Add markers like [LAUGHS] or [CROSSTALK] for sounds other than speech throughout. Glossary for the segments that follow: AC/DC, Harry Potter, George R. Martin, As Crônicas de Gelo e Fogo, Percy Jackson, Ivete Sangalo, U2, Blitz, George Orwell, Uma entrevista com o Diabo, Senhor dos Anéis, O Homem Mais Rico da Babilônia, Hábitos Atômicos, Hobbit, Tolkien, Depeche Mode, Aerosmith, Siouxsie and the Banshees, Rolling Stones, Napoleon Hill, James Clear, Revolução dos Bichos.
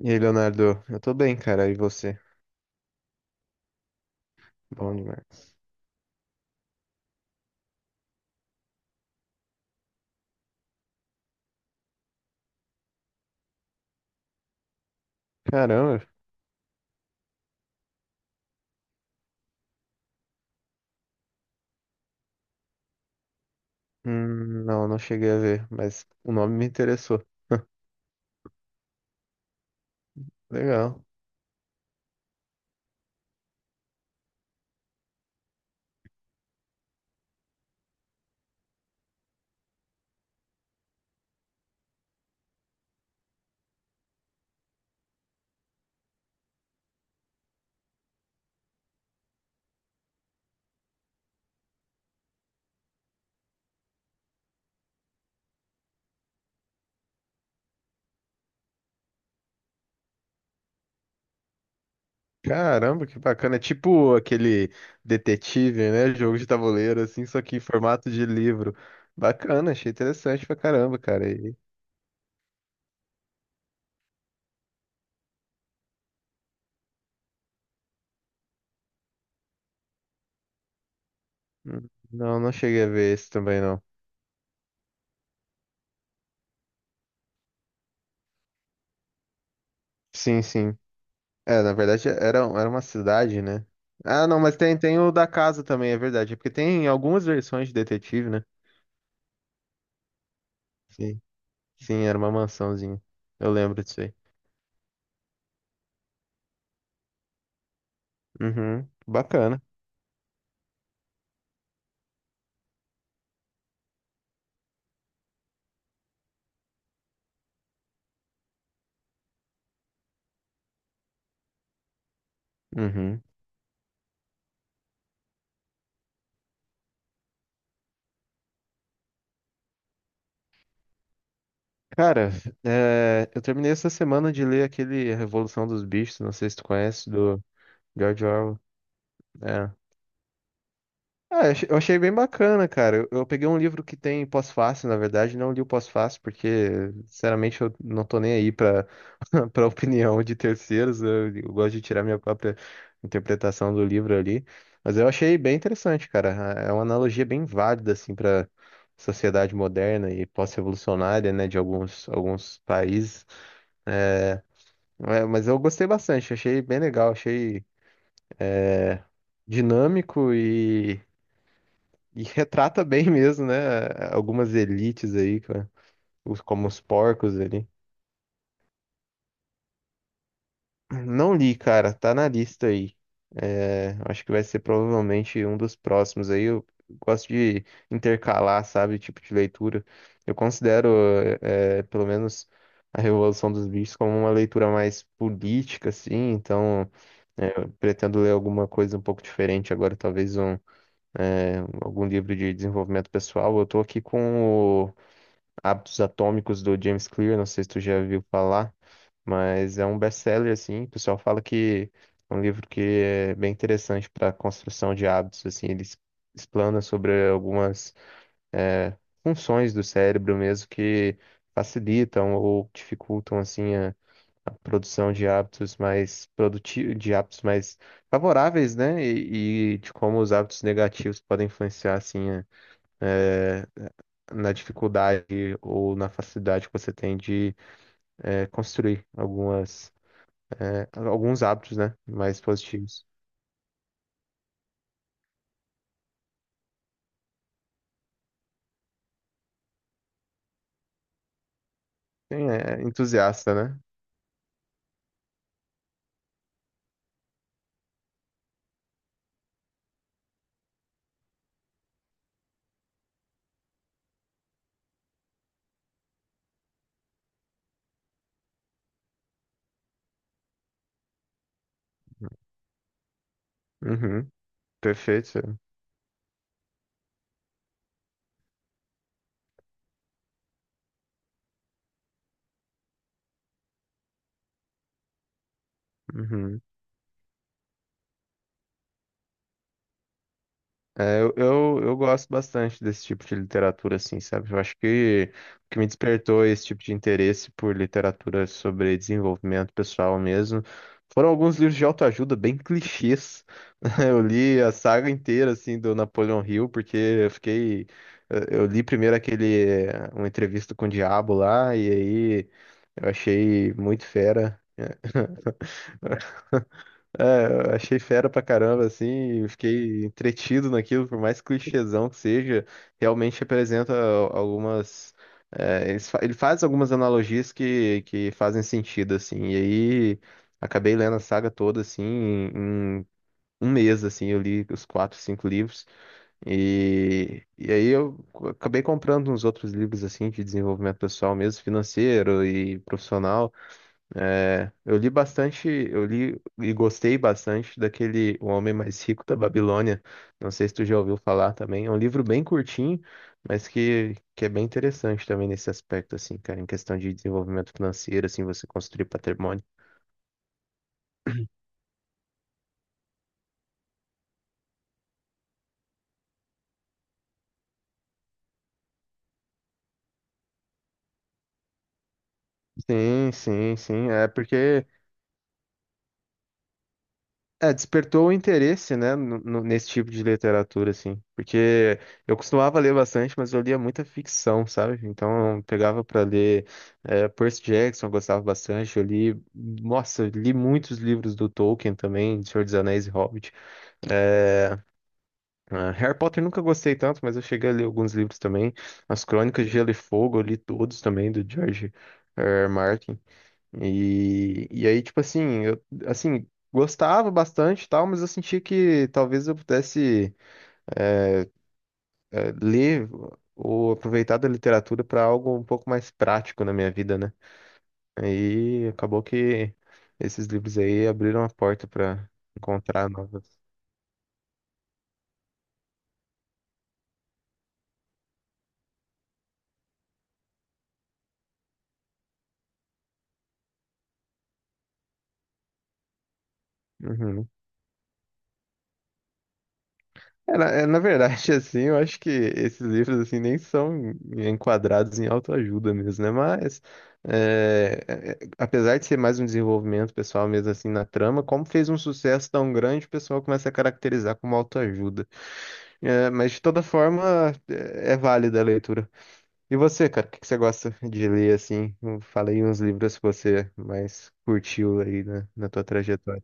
E aí, Leonardo? Eu tô bem, cara. E você? Bom demais. Caramba. Não, cheguei a ver, mas o nome me interessou. Legal. Caramba, que bacana. É tipo aquele detetive, né? Jogo de tabuleiro, assim, só que em formato de livro. Bacana, achei interessante pra caramba, cara. E, não, cheguei a ver esse também, não. Sim, sim. É, na verdade era, uma cidade, né? Ah, não, mas tem, o da casa também, é verdade. É porque tem algumas versões de detetive, né? Sim. Sim, era uma mansãozinha. Eu lembro disso aí. Uhum, bacana. Uhum. Cara, é, eu terminei essa semana de ler aquele Revolução dos Bichos, não sei se tu conhece, do George Orwell. É. Ah, eu achei bem bacana, cara. Eu peguei um livro que tem pós-fácil, na verdade, não li o pós-fácil, porque, sinceramente, eu não tô nem aí [LAUGHS] pra opinião de terceiros. Eu gosto de tirar minha própria interpretação do livro ali. Mas eu achei bem interessante, cara. É uma analogia bem válida, assim, pra sociedade moderna e pós-revolucionária, né, de alguns, países. É, é, mas eu gostei bastante, achei bem legal, achei dinâmico. E retrata bem mesmo, né? Algumas elites aí, cara. Como os porcos ali. Não li, cara. Tá na lista aí. É, acho que vai ser provavelmente um dos próximos aí. Eu gosto de intercalar, sabe? Tipo de leitura. Eu considero, é, pelo menos, A Revolução dos Bichos como uma leitura mais política, assim. Então, é, eu pretendo ler alguma coisa um pouco diferente agora. Talvez um, é, algum livro de desenvolvimento pessoal. Eu tô aqui com o Hábitos Atômicos do James Clear, não sei se tu já viu falar, mas é um best-seller assim, o pessoal fala que é um livro que é bem interessante para construção de hábitos assim. Explana sobre algumas eh, funções do cérebro mesmo que facilitam ou dificultam assim a produção de hábitos mais produtivos, de hábitos mais favoráveis, né? E de como os hábitos negativos podem influenciar assim a, é, na dificuldade ou na facilidade que você tem de construir algumas, alguns hábitos, né? Mais positivos. Sim, é entusiasta, né? Uhum, perfeito. Uhum. É, eu gosto bastante desse tipo de literatura, assim, sabe? Eu acho que o que me despertou esse tipo de interesse por literatura sobre desenvolvimento pessoal mesmo foram alguns livros de autoajuda bem clichês. [LAUGHS] Eu li a saga inteira, assim, do Napoleon Hill, porque eu fiquei... Eu li primeiro aquele... Uma entrevista com o Diabo lá, e aí eu achei muito fera. [LAUGHS] É, eu achei fera pra caramba, assim, eu fiquei entretido naquilo, por mais clichêzão que seja, realmente representa algumas. É, ele faz algumas analogias que, fazem sentido, assim, e aí acabei lendo a saga toda, assim, em um mês, assim, eu li os 4, 5 livros, e, aí eu acabei comprando uns outros livros, assim, de desenvolvimento pessoal mesmo, financeiro e profissional. É, eu li bastante, eu li e gostei bastante daquele O Homem Mais Rico da Babilônia. Não sei se tu já ouviu falar também. É um livro bem curtinho, mas que é bem interessante também nesse aspecto, assim, cara, em questão de desenvolvimento financeiro, assim, você construir patrimônio. Sim, sim, sim. É porque é, despertou o interesse, né, nesse tipo de literatura, assim. Porque eu costumava ler bastante, mas eu lia muita ficção, sabe? Então, eu pegava pra ler é, Percy Jackson, eu gostava bastante. Eu li, nossa, eu li muitos livros do Tolkien também, de Senhor dos Anéis e Hobbit. É, ah, Harry Potter nunca gostei tanto, mas eu cheguei a ler alguns livros também. As Crônicas de Gelo e Fogo, eu li todos também, do George R. Martin. E, aí, tipo assim, eu, gostava bastante e tal, mas eu sentia que talvez eu pudesse ler ou aproveitar da literatura para algo um pouco mais prático na minha vida, né? Aí acabou que esses livros aí abriram a porta para encontrar novas. Uhum. É, é, na verdade, [LAUGHS] assim, eu acho que esses livros, assim, nem são enquadrados em autoajuda mesmo, né? Mas, é, apesar de ser mais um desenvolvimento pessoal mesmo, assim, na trama, como fez um sucesso tão grande, o pessoal começa a caracterizar como autoajuda. É, mas, de toda forma, é, é válida a leitura. E você, cara, o que que você gosta de ler, assim? Eu falei uns livros que você mais curtiu aí na tua trajetória.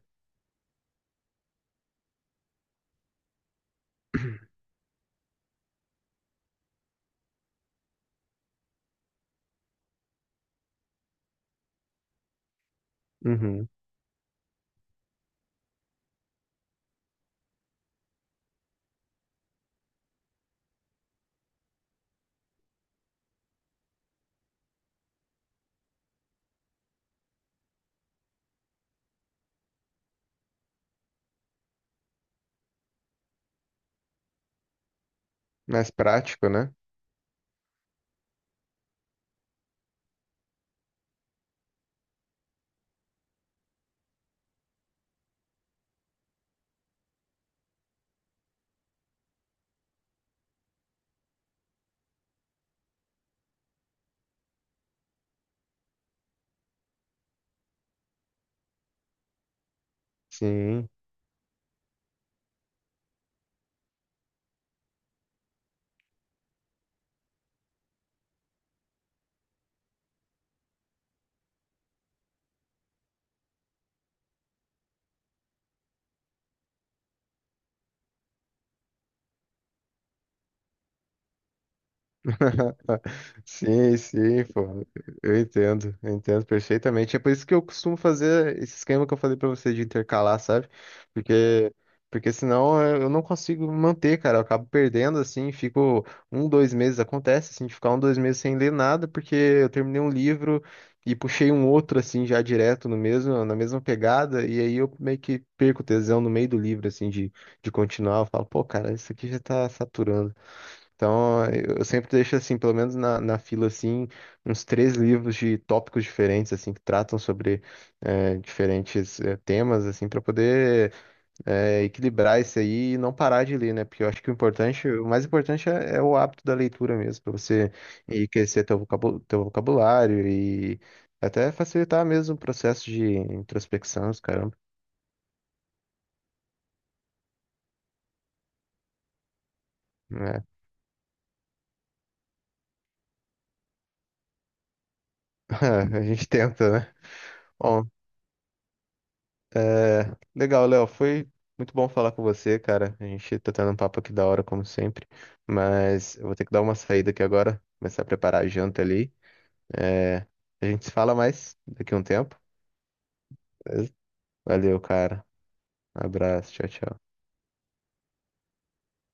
Uhum. Mais prático, né? Sim. [LAUGHS] Sim, sim, pô. Eu entendo perfeitamente. É por isso que eu costumo fazer esse esquema que eu falei pra você de intercalar, sabe? Porque, Porque senão eu não consigo manter, cara. Eu acabo perdendo, assim, fico um, dois meses. Acontece, assim, de ficar um, dois meses sem ler nada, porque eu terminei um livro e puxei um outro, assim, já direto no mesmo, na mesma pegada. E aí eu meio que perco o tesão no meio do livro, assim, de continuar. Eu falo, pô, cara, isso aqui já tá saturando. Então, eu sempre deixo, assim, pelo menos na fila, assim, uns 3 livros de tópicos diferentes, assim, que tratam sobre diferentes temas, assim, para poder equilibrar isso aí e não parar de ler, né? Porque eu acho que o importante, o mais importante é, é o hábito da leitura mesmo, para você enriquecer teu vocabulário e até facilitar mesmo o processo de introspecção, os caramba, né? [LAUGHS] A gente tenta, né? Bom, é, legal, Léo. Foi muito bom falar com você, cara. A gente tá tendo um papo aqui da hora, como sempre. Mas eu vou ter que dar uma saída aqui agora, começar a preparar a janta ali. É, a gente se fala mais daqui a um tempo. Beleza? Valeu, cara. Abraço, tchau, tchau.